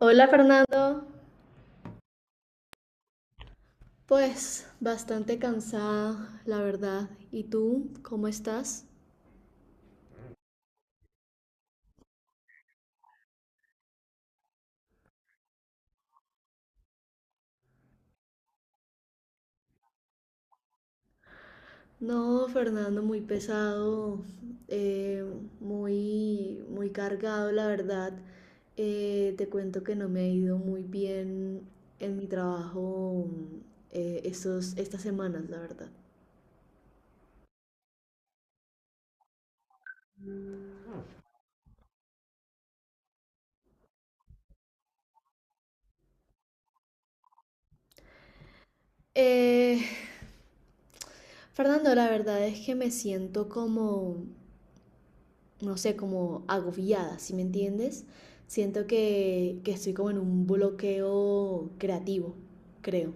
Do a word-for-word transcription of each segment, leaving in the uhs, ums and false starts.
Hola, Fernando. Pues bastante cansada, la verdad. ¿Y tú, cómo estás? No, Fernando, muy pesado, eh, muy, muy cargado, la verdad. Eh, te cuento que no me ha ido muy bien en mi trabajo eh, estos- estas semanas, la verdad. Eh, Fernando, la verdad es que me siento como, no sé, como agobiada, ¿sí me entiendes? Siento que, que estoy como en un bloqueo creativo, creo.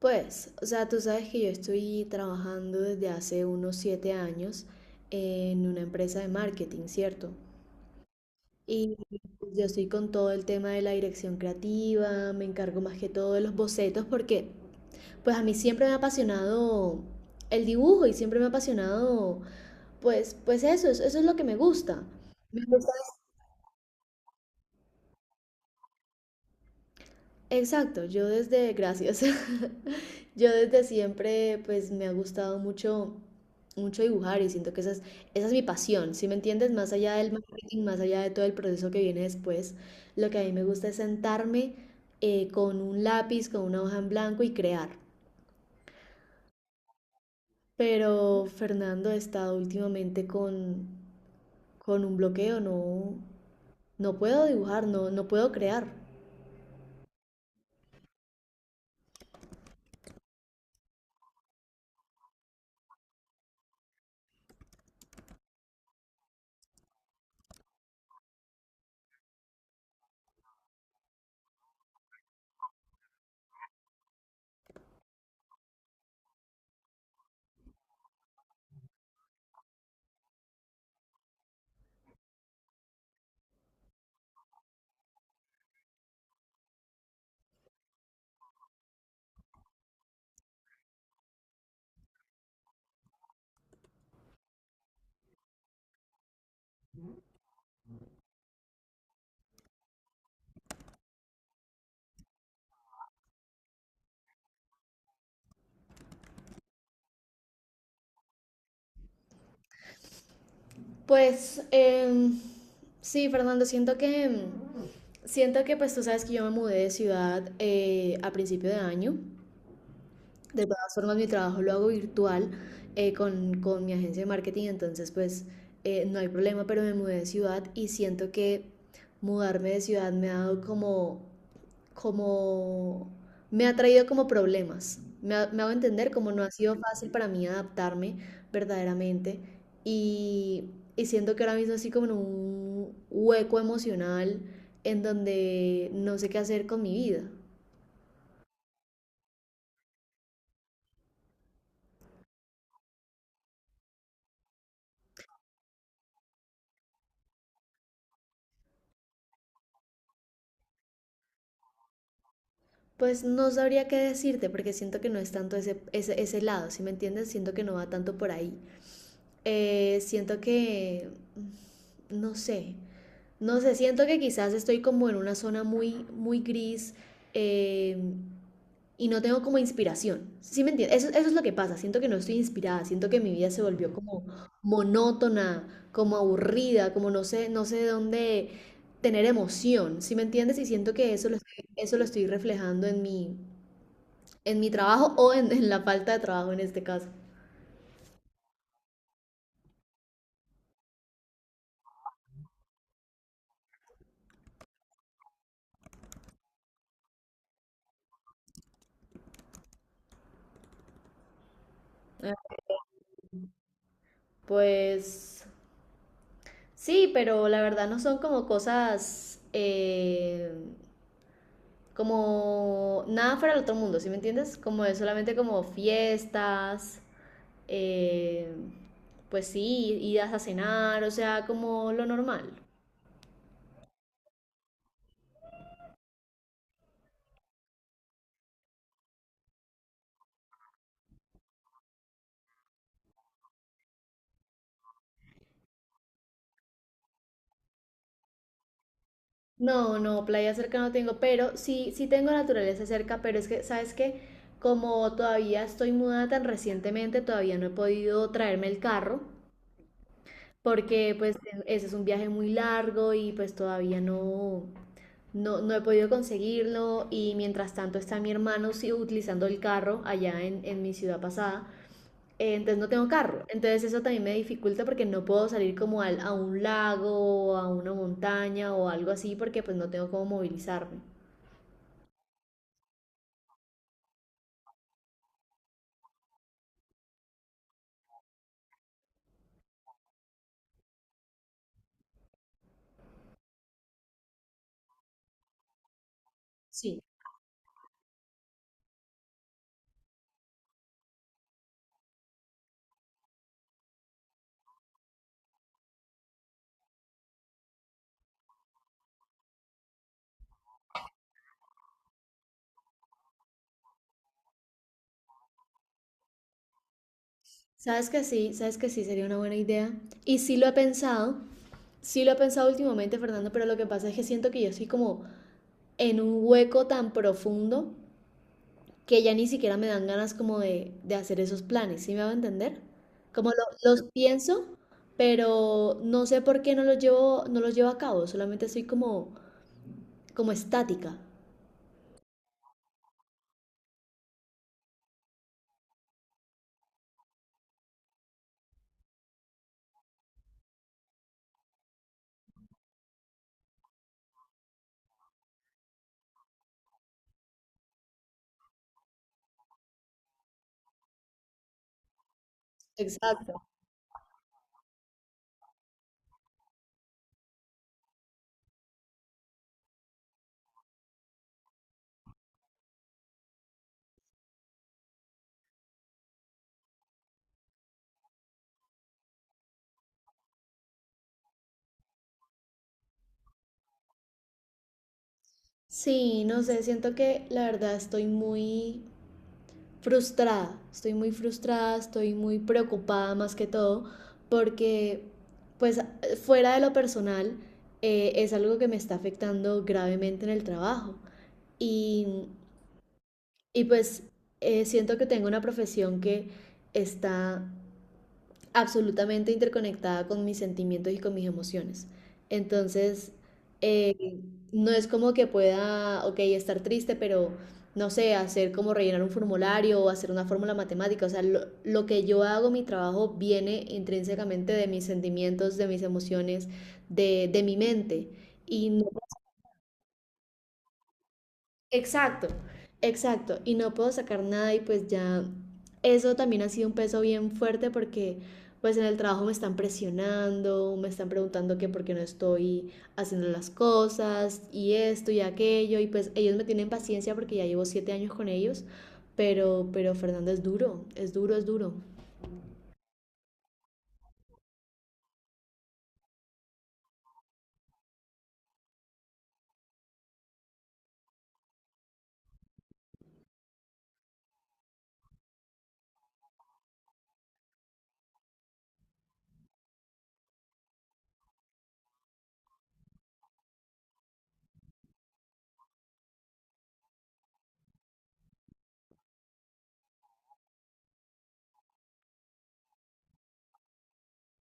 Pues, o sea, tú sabes que yo estoy trabajando desde hace unos siete años en una empresa de marketing, ¿cierto? Y pues yo estoy con todo el tema de la dirección creativa, me encargo más que todo de los bocetos, porque pues a mí siempre me ha apasionado el dibujo y siempre me ha apasionado, pues pues eso, eso es lo que me gusta. Exacto, yo desde, gracias, yo desde siempre pues me ha gustado mucho, mucho dibujar, y siento que esa es, esa es mi pasión. ¿Sí me entiendes? Más allá del marketing, más allá de todo el proceso que viene después, lo que a mí me gusta es sentarme, eh, con un lápiz, con una hoja en blanco, y crear. Pero, Fernando, he estado últimamente con, con un bloqueo, no, no puedo dibujar, no, no puedo crear. Pues eh, sí, Fernando, siento que em, siento que pues tú sabes que yo me mudé de ciudad eh, a principio de año. De todas formas, mi trabajo lo hago virtual, eh, con, con mi agencia de marketing, entonces pues eh, no hay problema, pero me mudé de ciudad y siento que mudarme de ciudad me ha dado como, como me ha traído como problemas. Me, ha- me hago entender, como no ha sido fácil para mí adaptarme verdaderamente, y, y siento que ahora mismo así como en un hueco emocional, en donde no sé qué hacer con mi vida. Pues no sabría qué decirte, porque siento que no es tanto ese, ese, ese lado, ¿si me entiendes? Siento que no va tanto por ahí. Eh, siento que, no sé, no sé, siento que quizás estoy como en una zona muy, muy gris, eh, y no tengo como inspiración. ¿Sí me entiendes? Eso, eso es lo que pasa. Siento que no estoy inspirada. Siento que mi vida se volvió como monótona, como aburrida, como no sé, no sé de dónde tener emoción. ¿Sí me entiendes? Y siento que eso lo estoy, eso lo estoy reflejando en mi, en mi trabajo, o en, en la falta de trabajo en este caso. Ah, pues sí, pero la verdad no son como cosas, eh, como nada fuera del otro mundo, ¿sí me entiendes? Como es solamente como fiestas, eh, pues sí, idas a cenar, o sea, como lo normal. No, no, playa cerca no tengo, pero sí, sí tengo naturaleza cerca, pero es que, ¿sabes qué? Como todavía estoy mudada tan recientemente, todavía no he podido traerme el carro. Porque pues e-, ese es un viaje muy largo y pues todavía no, no, no he podido conseguirlo, y mientras tanto está mi hermano sí, utilizando el carro allá en, en mi ciudad pasada. Eh, entonces no tengo carro, entonces eso también me dificulta porque no puedo salir como al- a un lago o a una montaña o algo así, porque pues no tengo cómo movilizarme. Sí. Sabes que sí, sabes que sí sería una buena idea. Y sí lo he pensado, sí lo he pensado últimamente, Fernando, pero lo que pasa es que siento que yo soy como en un hueco tan profundo que ya ni siquiera me dan ganas como de, de hacer esos planes, ¿sí me va a entender? Como lo- los pienso, pero no sé por qué no los llevo, no los llevo a cabo, solamente estoy como, como estática. Exacto. Sí, no sé, siento que la verdad estoy muy frustrada, estoy muy frustrada, estoy muy preocupada más que todo, porque pues fuera de lo personal, eh, es algo que me está afectando gravemente en el trabajo. Y, y pues eh, siento que tengo una profesión que está absolutamente interconectada con mis sentimientos y con mis emociones. Entonces, eh, no es como que pueda, ok, estar triste, pero no sé, hacer como rellenar un formulario o hacer una fórmula matemática. O sea, lo, lo que yo hago, mi trabajo, viene intrínsecamente de mis sentimientos, de mis emociones, de, de mi mente. Y no. Exacto, exacto. Y no puedo sacar nada, y pues ya eso también ha sido un peso bien fuerte, porque pues en el trabajo me están presionando, me están preguntando que por qué no estoy haciendo las cosas y esto y aquello, y pues ellos me tienen paciencia porque ya llevo siete años con ellos, pero, pero Fernando, es duro, es duro, es duro.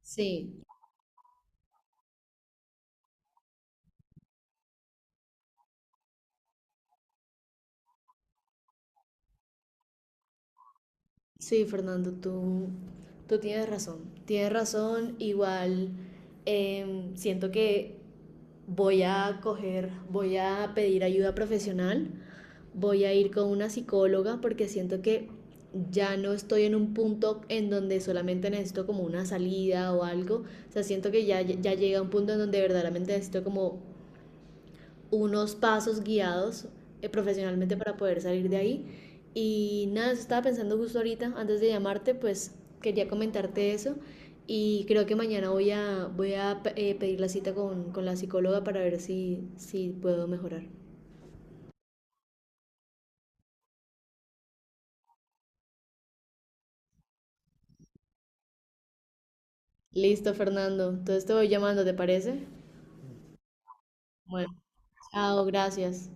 Sí, sí, Fernando, tú, tú tienes razón. Tienes razón, igual em, siento que voy a coger, voy a pedir ayuda profesional, voy a ir con una psicóloga porque siento que ya no estoy en un punto en donde solamente necesito como una salida o algo. O sea, siento que ya, ya llega un punto en donde verdaderamente necesito como unos pasos guiados, eh, profesionalmente, para poder salir de ahí. Y nada, eso estaba pensando justo ahorita, antes de llamarte, pues quería comentarte eso. Y creo que mañana voy a, voy a eh, pedir la cita con, con la psicóloga, para ver si, si puedo mejorar. Listo, Fernando. Entonces te voy llamando, ¿te parece? Bueno, chao, gracias.